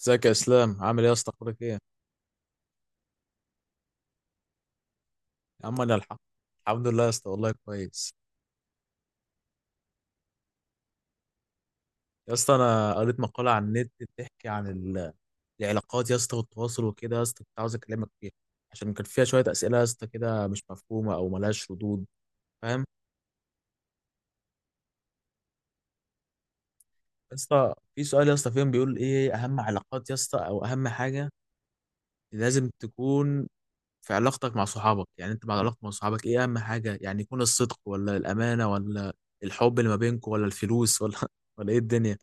ازيك يا اسلام؟ عامل ايه يا اسطى؟ اخبارك ايه يا عم؟ انا الحمد لله يا اسطى، والله كويس. يا اسطى، انا قريت مقاله على النت بتحكي عن العلاقات يا اسطى والتواصل وكده، يا اسطى كنت عاوز اكلمك فيها عشان كان فيها شويه اسئله يا اسطى كده مش مفهومه او ملهاش ردود، فاهم؟ يا اسطى في سؤال يا اسطى فيهم بيقول ايه اهم علاقات يا اسطى او اهم حاجه لازم تكون في علاقتك مع صحابك، يعني انت مع علاقتك مع صحابك ايه اهم حاجه؟ يعني يكون الصدق ولا الامانه ولا الحب اللي ما بينكم ولا الفلوس ولا ولا ايه الدنيا؟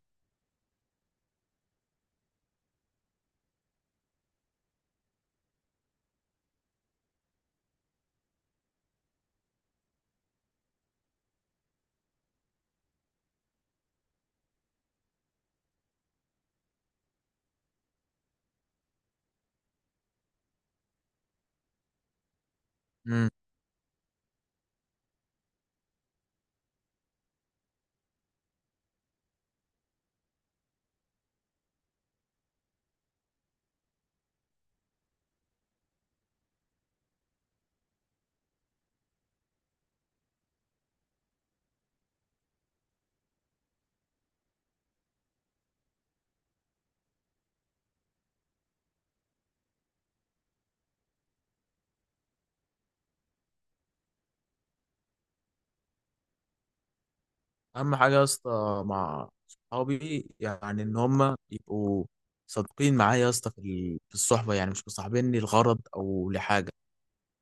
اهم حاجه يا اسطى مع صحابي يعني ان هم يبقوا صادقين معايا يا اسطى في الصحبه، يعني مش مصاحبيني لغرض او لحاجه.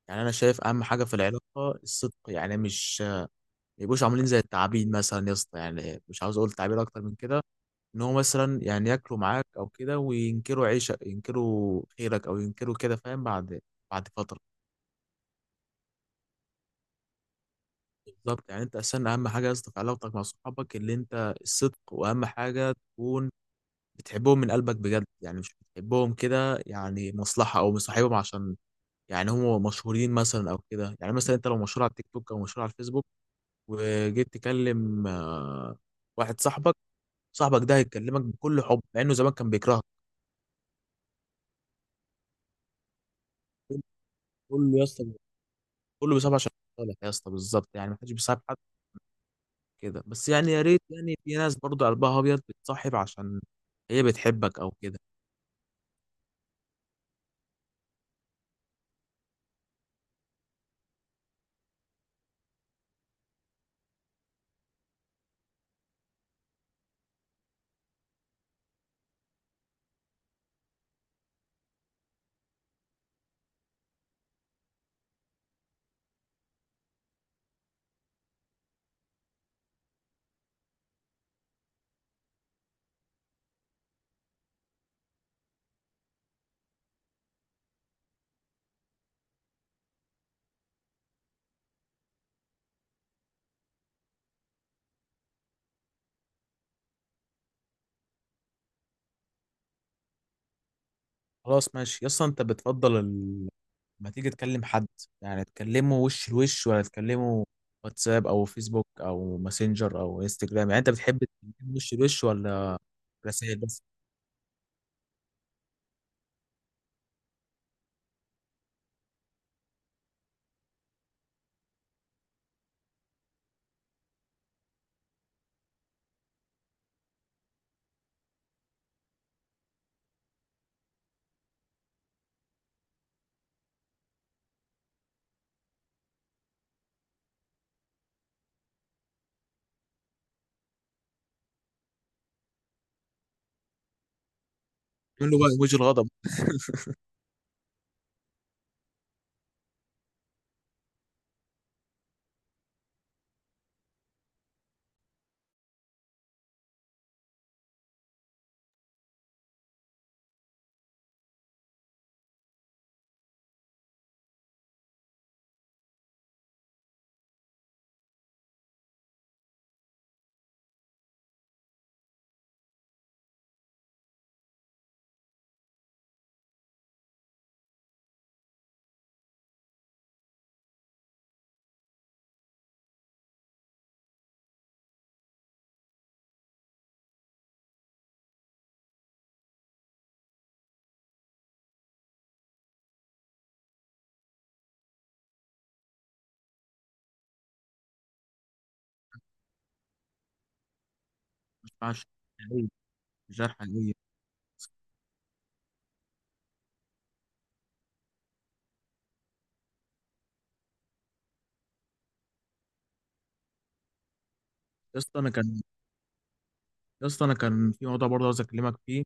يعني انا شايف اهم حاجه في العلاقه الصدق، يعني مش ما يبقوش عاملين زي التعابين مثلا يا اسطى، يعني مش عاوز اقول تعابير اكتر من كده، ان هو مثلا يعني ياكلوا معاك او كده وينكروا عيشك، ينكروا خيرك او ينكروا كده، فاهم؟ بعد فتره. بالظبط، يعني انت اصلا اهم حاجه يا اسطى في علاقتك مع صحابك اللي انت الصدق، واهم حاجه تكون بتحبهم من قلبك بجد، يعني مش بتحبهم كده يعني مصلحة او مصاحبهم عشان يعني هم مشهورين مثلا او كده. يعني مثلا انت لو مشهور على التيك توك او مشهور على الفيسبوك وجيت تكلم واحد صاحبك ده هيكلمك بكل حب مع انه زمان كان بيكرهك. كله يا اسطى، كله بيصاحب عشان لك يا اسطى، بالظبط يعني محدش بيصاحب حد كده بس، يعني يا ريت. يعني في ناس برضه قلبها ابيض بتصاحب عشان هي بتحبك او كده. خلاص ماشي يا اسطى، انت بتفضل ما تيجي تكلم حد يعني تكلمه وش لوش، ولا تكلمه واتساب او فيسبوك او ماسنجر او انستجرام؟ يعني انت بتحب تكلمه وش لوش ولا رسائل بس؟ تقول له بقى وجه الغضب. مش ينفعش حقيقي، جرح حقيقي. يا اسطى انا كان يا اسطى انا كان في موضوع برضه عاوز اكلمك فيه،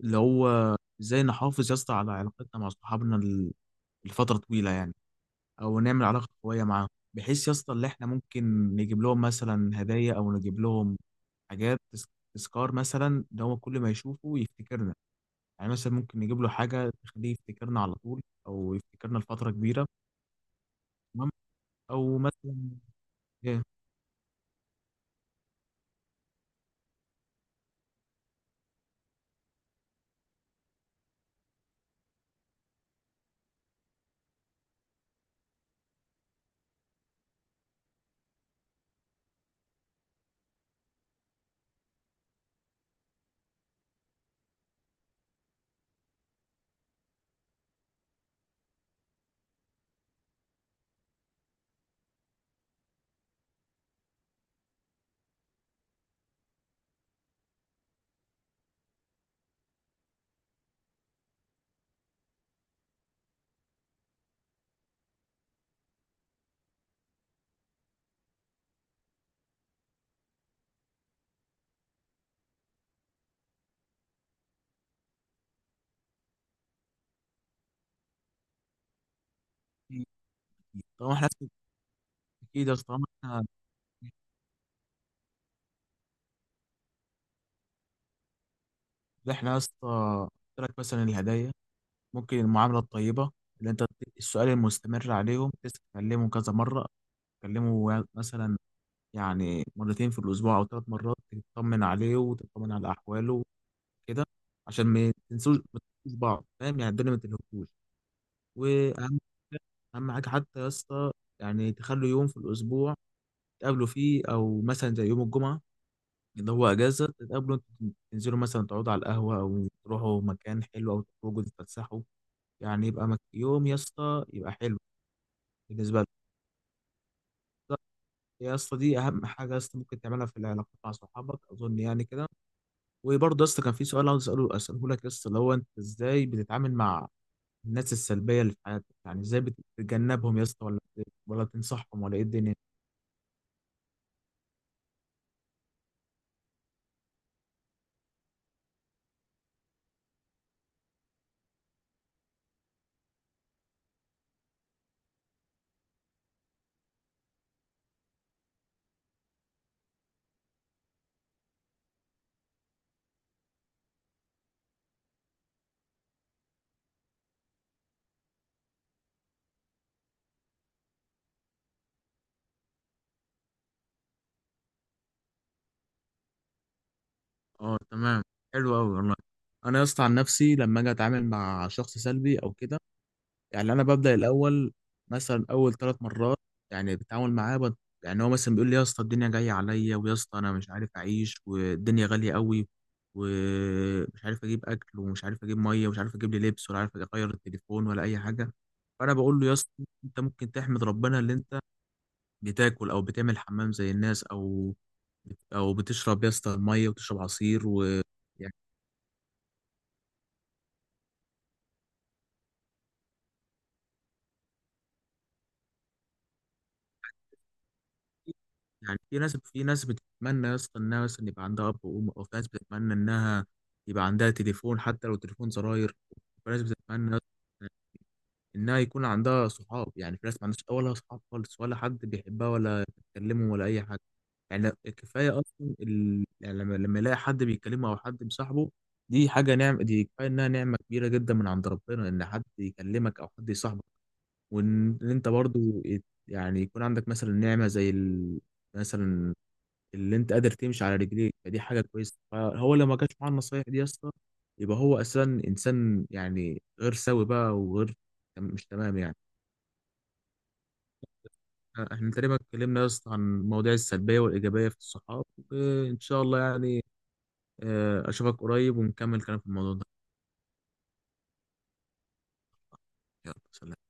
اللي هو ازاي نحافظ يا اسطى على علاقتنا مع صحابنا لفتره طويله يعني، او نعمل علاقه قويه معاهم بحيث يا اسطى اللي احنا ممكن نجيب لهم مثلا هدايا او نجيب لهم حاجات تذكار مثلا، ده هو كل ما يشوفه يفتكرنا. يعني مثلا ممكن نجيب له حاجة تخليه يفتكرنا على طول، أو يفتكرنا لفترة كبيرة. تمام. أو مثلا إيه؟ طالما إحنا أكيد يا اسطى، طالما إحنا يا اسطى، قلت لك مثلا الهدايا، ممكن المعاملة الطيبة اللي أنت السؤال المستمر عليهم، تتكلمه كذا مرة، تكلمه مثلا يعني مرتين في الأسبوع أو ثلاث مرات، تطمن عليه وتطمن على أحواله كده عشان ما تنسوش بعض، فاهم؟ يعني الدنيا ما تنهكوش. واهم حاجة- اهم حاجه حتى يا اسطى، يعني تخلوا يوم في الاسبوع تقابلوا فيه، او مثلا زي يوم الجمعه اللي هو اجازه تتقابلوا انتوا، تنزلوا مثلا تقعدوا على القهوه او تروحوا مكان حلو او تخرجوا تتفسحوا. يعني يبقى يوم يا اسطى يبقى حلو بالنسبه لك. يا اسطى دي اهم حاجه يا اسطى ممكن تعملها في العلاقات مع صحابك اظن، يعني كده. وبرضه يا اسطى كان في سؤال عاوز اساله لك يا اسطى، اللي هو انت ازاي بتتعامل مع الناس السلبية اللي في حياتك، يعني ازاي بتتجنبهم يا اسطى ولا ولا تنصحهم ولا ايه الدنيا؟ اه تمام، حلو قوي والله. انا يا اسطى عن نفسي لما اجي اتعامل مع شخص سلبي او كده، يعني انا ببدأ الاول مثلا اول ثلاث مرات يعني بتعامل معاه يعني هو مثلا بيقول لي يا اسطى الدنيا جاية عليا، ويا اسطى انا مش عارف اعيش والدنيا غالية قوي، ومش عارف اجيب اكل ومش عارف اجيب ميه ومش عارف اجيب لي لبس ولا عارف اغير التليفون ولا اي حاجه. فانا بقول له يا اسطى انت ممكن تحمد ربنا اللي انت بتاكل او بتعمل حمام زي الناس، او بتشرب يا اسطى ميه وتشرب عصير، و يعني يعني في ناس بتتمنى يا اسطى انها مثلا يبقى عندها اب وام، او في ناس بتتمنى انها يبقى عندها تليفون حتى لو تليفون زراير، في ناس بتتمنى انها يكون عندها صحاب. يعني في ناس ما عندهاش ولا صحاب خالص ولا حد بيحبها ولا بتكلمه ولا اي حاجه. يعني كفايه اصلا يعني لما يلاقي حد بيكلمه او حد مصاحبه، دي حاجه نعمه، دي كفايه انها نعمه كبيره جدا من عند ربنا ان حد يكلمك او حد يصاحبك. وان انت برضو يعني يكون عندك مثلا نعمه زي مثلا اللي انت قادر تمشي على رجليك، فدي حاجه كويسه. فهو لما جاش معاه النصايح دي يا اسطى، يبقى هو اساسا انسان يعني غير سوي بقى وغير، مش تمام يعني؟ احنا تقريبا اتكلمنا يا اسطى عن المواضيع السلبية والإيجابية في الصحاب، وإن شاء الله يعني أشوفك قريب ونكمل كلام في الموضوع ده. يلا سلام.